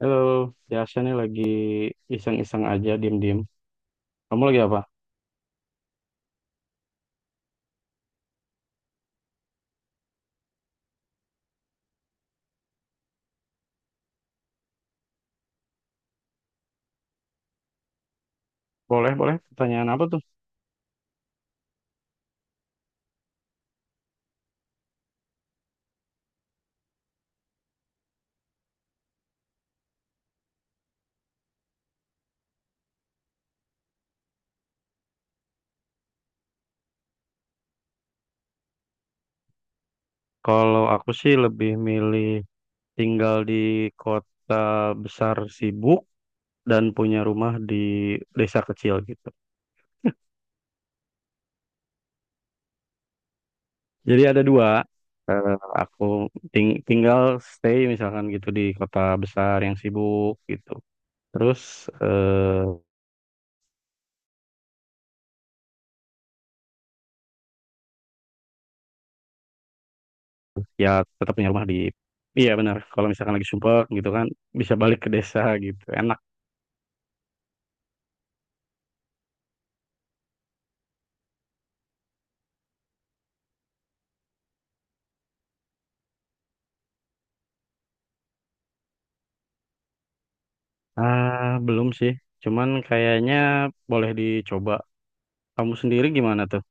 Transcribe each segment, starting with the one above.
Halo, biasa nih lagi iseng-iseng aja, diem-diem. Kamu lagi apa? Boleh, boleh. Pertanyaan apa tuh? Kalau aku sih lebih milih tinggal di kota besar sibuk dan punya rumah di desa kecil gitu. Jadi ada dua. Eh, aku Tinggal stay misalkan gitu di kota besar yang sibuk gitu. Terus eh, ya tetap punya rumah di iya benar, kalau misalkan lagi sumpek gitu kan bisa balik ke desa gitu. Enak. Ah, belum sih. Cuman kayaknya boleh dicoba. Kamu sendiri gimana tuh?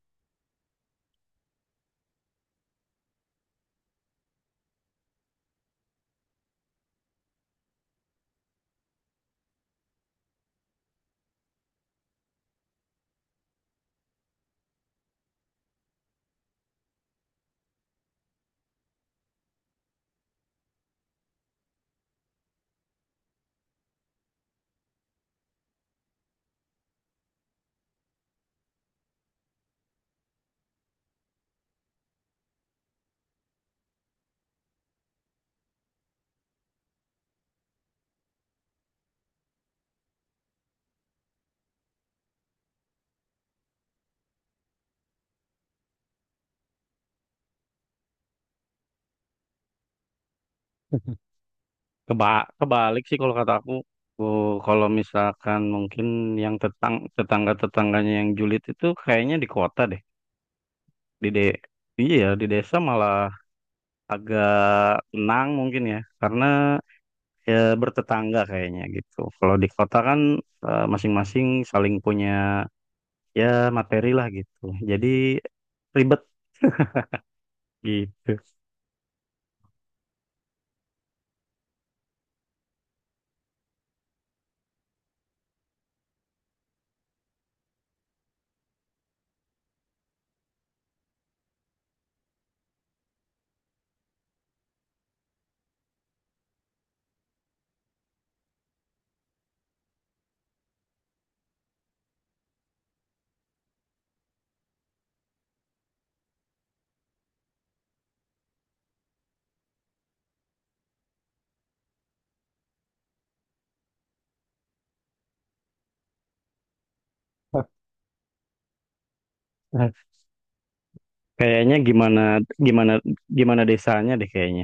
Keba Kebalik sih kalau kata aku. Oh, kalau misalkan mungkin yang tetangga-tetangganya yang julid itu kayaknya di kota deh. Di de Iya ya, di desa malah agak tenang mungkin ya. Karena ya bertetangga kayaknya gitu. Kalau di kota kan masing-masing saling punya ya materi lah gitu. Jadi ribet gitu. Kayaknya gimana gimana gimana desanya deh kayaknya.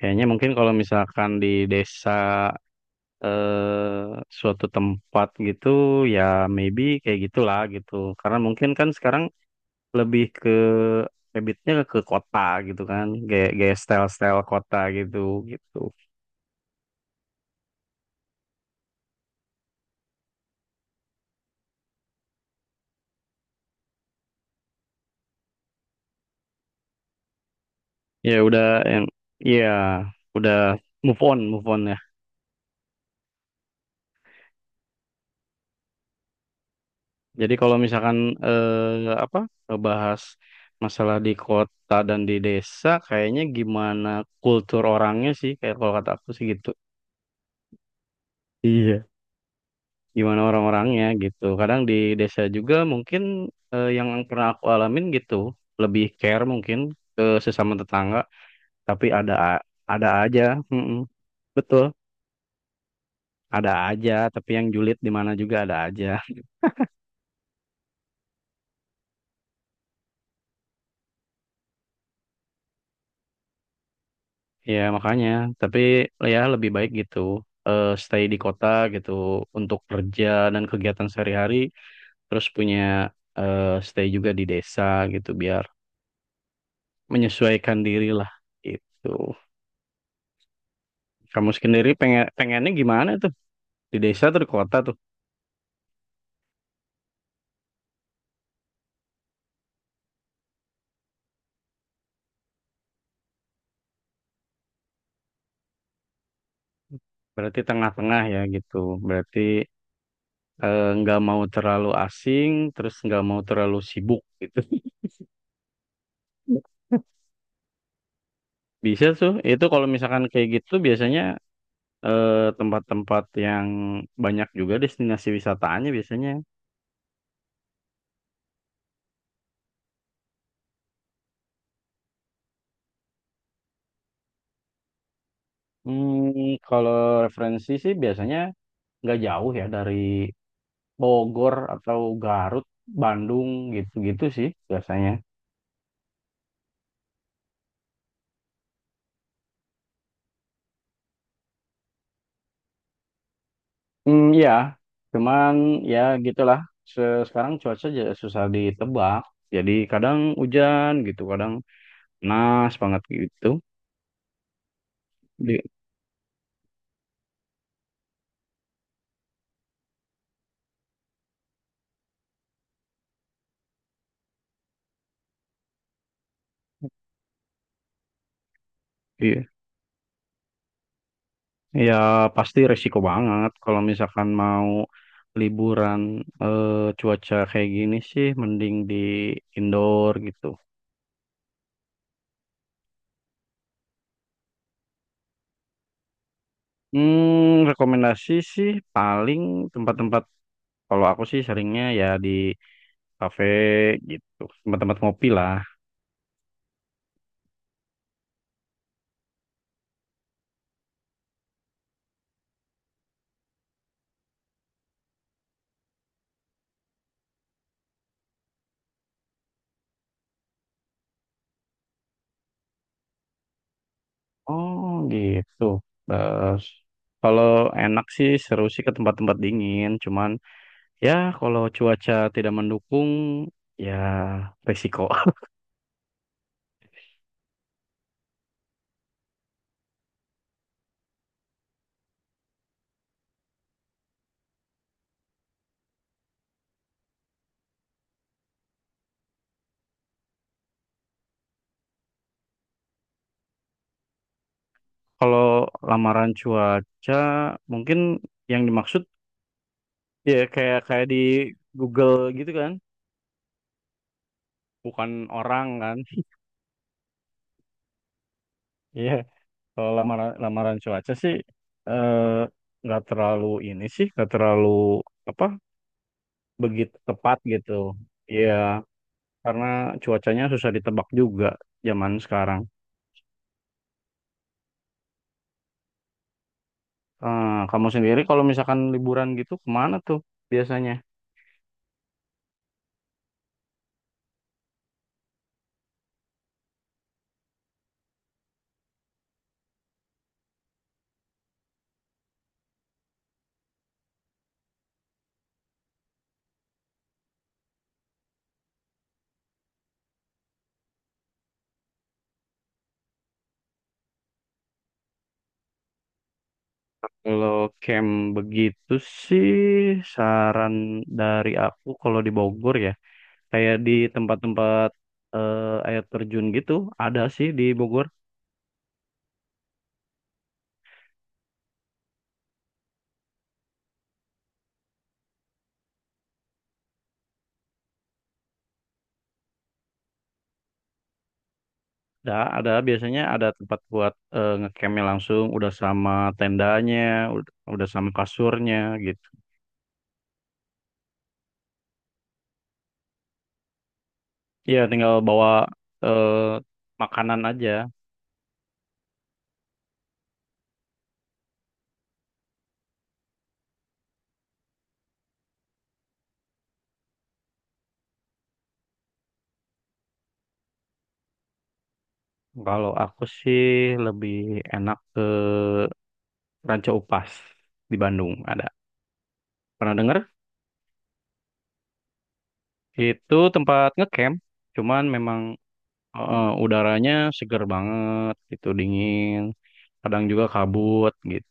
Kayaknya mungkin kalau misalkan di desa suatu tempat gitu ya maybe kayak gitulah gitu. Karena mungkin kan sekarang lebih ke habitnya ke kota gitu kan. Kayak kayak style-style kota gitu gitu. Ya udah yang iya udah move on move on ya. Jadi kalau misalkan apa bahas masalah di kota dan di desa, kayaknya gimana kultur orangnya sih, kayak kalau kata aku sih gitu. Iya. Gimana orang-orangnya gitu. Kadang di desa juga mungkin yang pernah aku alamin gitu, lebih care mungkin ke sesama tetangga, tapi ada aja, mm-mm. Betul, ada aja, tapi yang julid di mana juga ada aja. Ya makanya, tapi ya lebih baik gitu stay di kota gitu untuk kerja dan kegiatan sehari-hari, terus punya stay juga di desa gitu biar menyesuaikan diri lah gitu. Kamu sendiri pengennya gimana tuh di desa atau di kota tuh? Berarti tengah-tengah ya gitu. Berarti nggak mau terlalu asing, terus nggak mau terlalu sibuk gitu. Bisa tuh. Itu kalau misalkan kayak gitu biasanya tempat-tempat yang banyak juga destinasi wisatanya biasanya. Hmm, kalau referensi sih biasanya nggak jauh ya dari Bogor atau Garut, Bandung gitu-gitu sih biasanya. Hmm, ya, cuman ya gitulah. Sekarang cuaca jadi susah ditebak. Jadi kadang hujan gitu, kadang panas banget gitu. Di- Iya. Ya pasti resiko banget kalau misalkan mau liburan eh, cuaca kayak gini sih mending di indoor gitu. Hmm, rekomendasi sih paling tempat-tempat kalau aku sih seringnya ya di kafe gitu, tempat-tempat ngopi lah. Oh gitu. Terus kalau enak sih seru sih ke tempat-tempat dingin, cuman ya kalau cuaca tidak mendukung ya resiko. Kalau lamaran cuaca mungkin yang dimaksud ya kayak kayak di Google gitu kan, bukan orang kan. Iya, kalau lamaran lamaran cuaca sih eh, nggak terlalu ini sih, nggak terlalu apa begitu tepat gitu. Iya, karena cuacanya susah ditebak juga zaman sekarang. Eh, kamu sendiri kalau misalkan liburan gitu kemana tuh biasanya? Kalau camp begitu sih saran dari aku kalau di Bogor ya kayak di tempat-tempat eh, air terjun gitu ada sih di Bogor. ada ada biasanya ada tempat buat ngecampnya langsung udah sama tendanya, udah sama kasurnya gitu. Iya tinggal bawa eh, makanan aja. Kalau aku sih lebih enak ke Ranca Upas di Bandung ada. Pernah dengar itu tempat ngecamp, cuman memang udaranya seger banget, itu dingin, kadang juga kabut gitu.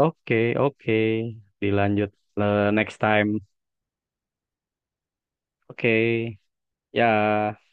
Oke, oke, dilanjut next time. Oke, ya.